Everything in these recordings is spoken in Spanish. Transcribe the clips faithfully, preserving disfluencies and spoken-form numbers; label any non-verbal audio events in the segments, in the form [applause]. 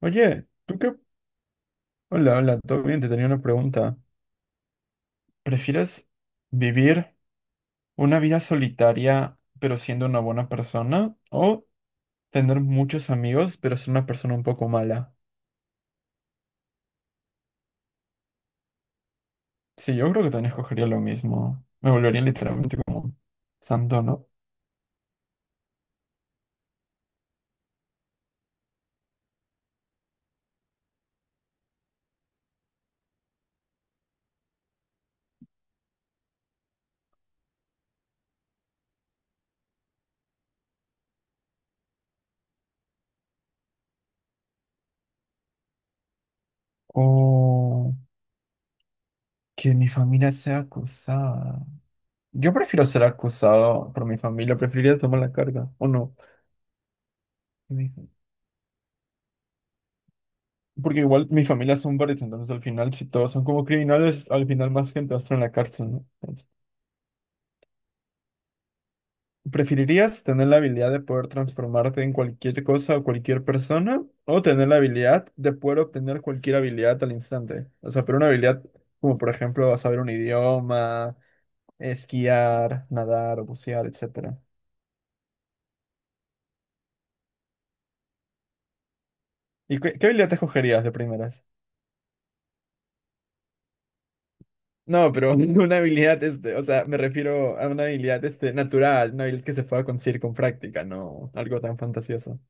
Oye, ¿tú qué? Hola, hola, todo bien, te tenía una pregunta. ¿Prefieres vivir una vida solitaria pero siendo una buena persona o tener muchos amigos pero ser una persona un poco mala? Sí, yo creo que también escogería lo mismo. Me volvería literalmente como un santo, ¿no? O que mi familia sea acusada. Yo prefiero ser acusado por mi familia, preferiría tomar la carga, ¿o no? Porque igual mi familia son varios, entonces al final, si todos son como criminales, al final más gente va a estar en la cárcel, ¿no? Entonces, ¿preferirías tener la habilidad de poder transformarte en cualquier cosa o cualquier persona? ¿O tener la habilidad de poder obtener cualquier habilidad al instante? O sea, pero una habilidad como, por ejemplo, saber un idioma, esquiar, nadar o bucear, etcétera. ¿Y qué, qué habilidad te escogerías de primeras? No, pero [laughs] una habilidad, este, o sea, me refiero a una habilidad, este, natural, una habilidad que se pueda conseguir con práctica, no algo tan fantasioso.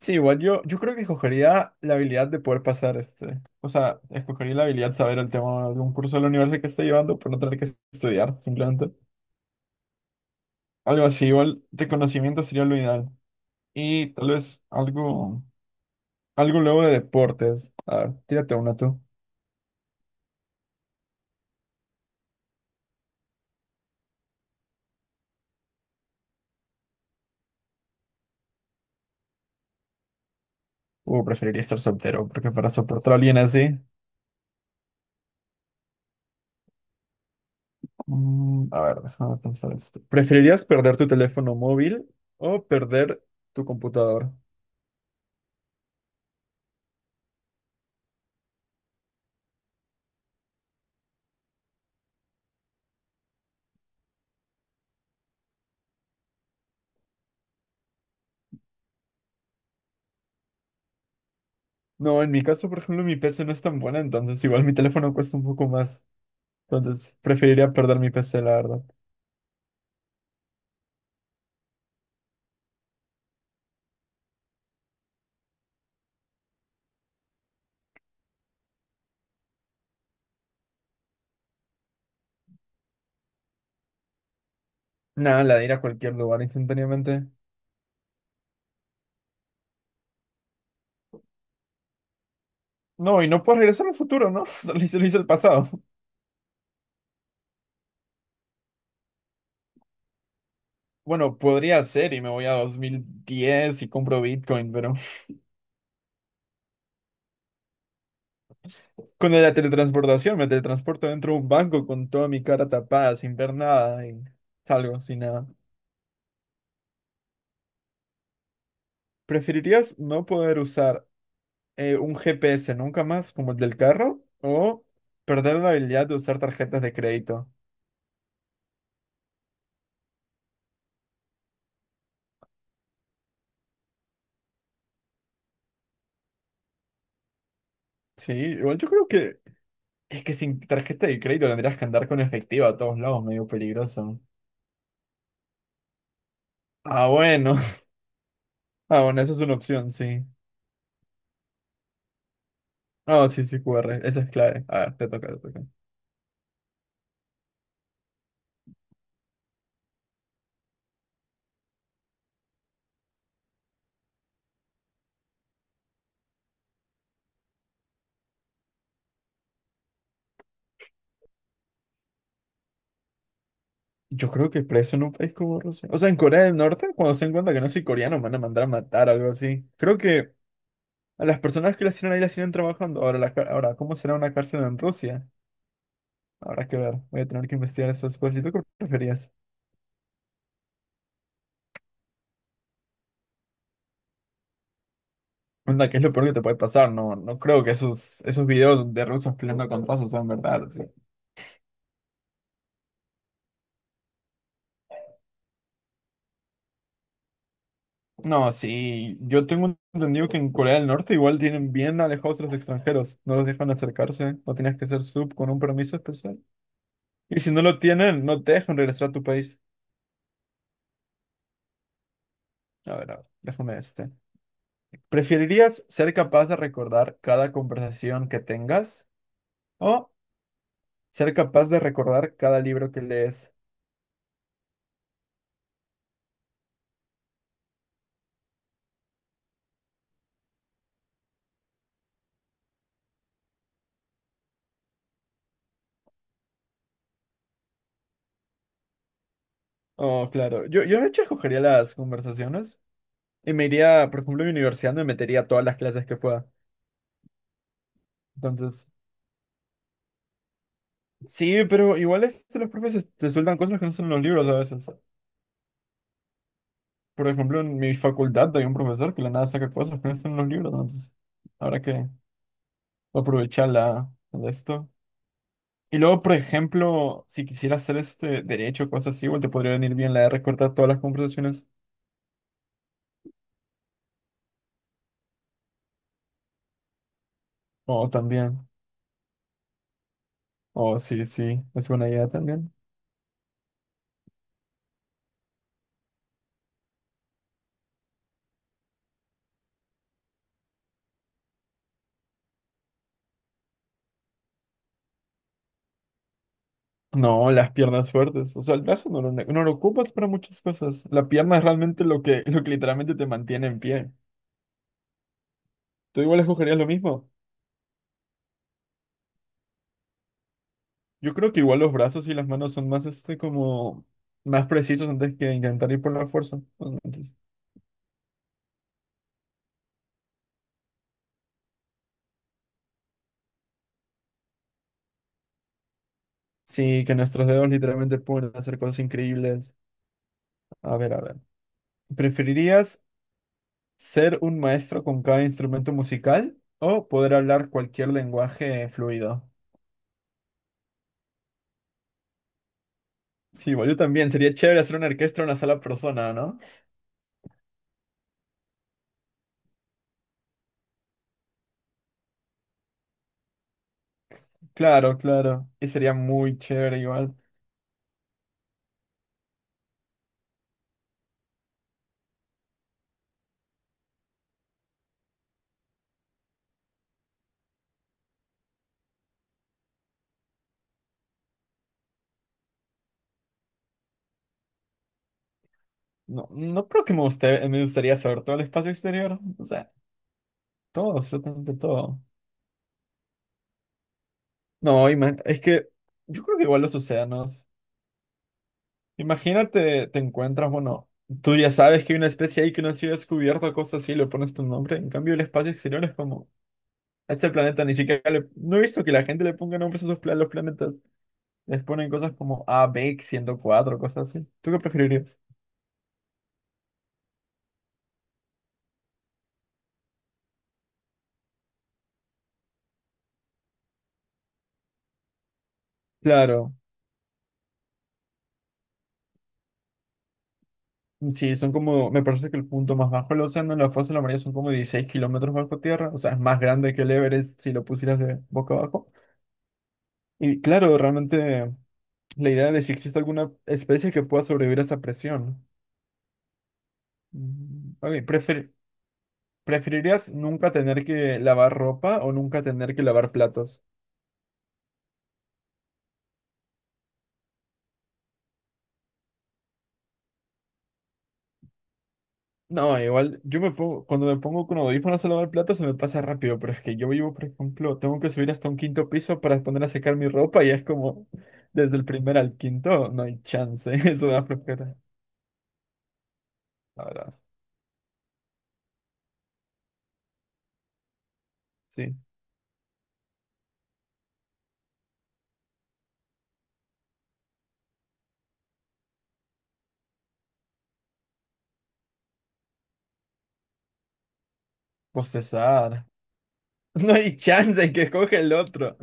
Sí, igual yo, yo creo que escogería la habilidad de poder pasar, este, o sea, escogería la habilidad de saber el tema de un curso de la universidad que esté llevando por no tener que estudiar, simplemente. Algo así, igual reconocimiento sería lo ideal. Y tal vez algo, algo luego de deportes. A ver, tírate una tú. O preferiría estar soltero, porque para soportar a alguien así. Mm, a ver, déjame pensar esto. ¿Preferirías perder tu teléfono móvil o perder tu computadora? No, en mi caso, por ejemplo, mi P C no es tan buena, entonces igual mi teléfono cuesta un poco más. Entonces, preferiría perder mi P C, la verdad. Nada, la de ir a cualquier lugar instantáneamente. No, y no puedo regresar al futuro, ¿no? [laughs] Solo hice, lo hice el pasado. Bueno, podría ser y me voy a dos mil diez y compro Bitcoin, pero [laughs] con la teletransportación me teletransporto dentro de un banco con toda mi cara tapada, sin ver nada y salgo sin nada. ¿Preferirías no poder usar eh, un G P S nunca más como el del carro o perder la habilidad de usar tarjetas de crédito? Sí, igual yo creo que es que sin tarjeta de crédito tendrías que andar con efectivo a todos lados, medio peligroso. Ah, bueno. [laughs] Ah, bueno, esa es una opción, sí. Ah, sí, sí, Q R, esa es clave. A ver, te toca, te toca. Yo creo que preso en un país como Rusia. O sea, en Corea del Norte, cuando se den cuenta que no soy coreano, me van a mandar a matar o algo así. Creo que a las personas que las tienen ahí las tienen trabajando. Ahora, la ca- ahora, ¿cómo será una cárcel en Rusia? Habrá que ver, voy a tener que investigar eso después. ¿Y tú qué preferías? Onda, ¿qué es lo peor que te puede pasar? No, no creo que esos, esos videos de rusos peleando con rusos sean verdad. O no, sí, yo tengo entendido que en Corea del Norte igual tienen bien alejados a los extranjeros. No los dejan acercarse, no tienes que ser sub con un permiso especial. Y si no lo tienen, no te dejan regresar a tu país. A ver, a ver, déjame este. ¿Preferirías ser capaz de recordar cada conversación que tengas o ser capaz de recordar cada libro que lees? Oh, claro. Yo, yo de hecho escogería las conversaciones y me iría, por ejemplo, a mi universidad me metería a todas las clases que pueda. Entonces, sí, pero igual este, los profes te sueltan cosas que no están en los libros a veces. Por ejemplo, en mi facultad hay un profesor que de la nada saca cosas que no están en los libros, entonces habrá que aprovechar la, de esto. Y luego, por ejemplo, si quisiera hacer este derecho, cosas así, igual te podría venir bien la de recortar todas las conversaciones. O también. O sí, sí, es buena idea también. No, las piernas fuertes. O sea, el brazo no lo, ne- no lo ocupas para muchas cosas. La pierna es realmente lo que, [laughs] lo que literalmente te mantiene en pie. ¿Tú igual escogerías lo mismo? Yo creo que igual los brazos y las manos son más, este, como, más precisos antes que intentar ir por la fuerza. Entonces, sí, que nuestros dedos literalmente pueden hacer cosas increíbles. A ver, a ver. ¿Preferirías ser un maestro con cada instrumento musical o poder hablar cualquier lenguaje fluido? Sí, igual yo también. Sería chévere hacer una orquesta en una sola persona, ¿no? Claro, claro. Y sería muy chévere igual. No, no creo que me guste, me gustaría saber todo el espacio exterior. O sea, todo, absolutamente todo. No, ima- es que yo creo que igual los océanos. Imagínate, te encuentras, bueno, tú ya sabes que hay una especie ahí que no ha sido descubierta, cosas así, le pones tu nombre. En cambio, el espacio exterior es como, a este planeta ni siquiera le... No he visto que la gente le ponga nombres a sus pla- los planetas. Les ponen cosas como A, B, ciento cuatro cosas así. ¿Tú qué preferirías? Claro. Sí, son como, me parece que el punto más bajo del océano en la fosa de la María son como dieciséis kilómetros bajo tierra, o sea, es más grande que el Everest si lo pusieras de boca abajo. Y claro, realmente la idea de si existe alguna especie que pueda sobrevivir a esa presión. Mm, ok, prefer- ¿preferirías nunca tener que lavar ropa o nunca tener que lavar platos? No, igual, yo me pongo, cuando me pongo con audífonos a lavar el plato se me pasa rápido, pero es que yo vivo, por ejemplo, tengo que subir hasta un quinto piso para poner a secar mi ropa y es como, desde el primer al quinto, no hay chance, [laughs] es una flojera. La verdad, sí. Bostezar. [laughs] No hay chance que escoge el otro.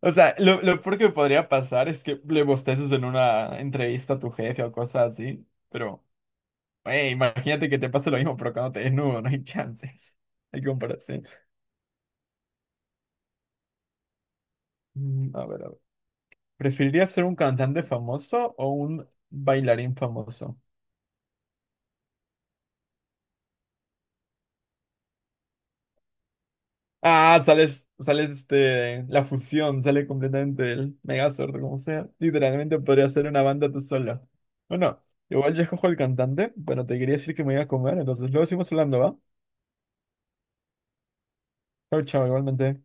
O sea, lo, lo peor que podría pasar es que le bosteces en una entrevista a tu jefe o cosas así, pero, hey, imagínate que te pase lo mismo, pero cuando te desnudo, no hay [laughs] chances. Hay comparación. Mm, a ver, a ver. ¿Preferirías ser un cantante famoso o un bailarín famoso? Ah, sales, sale este, la fusión, sale completamente el Megazord, como sea. Literalmente podría ser una banda tú solo. Bueno, igual ya escojo el cantante, pero te quería decir que me iba a comer, entonces luego seguimos hablando, ¿va? Chao, chao, igualmente.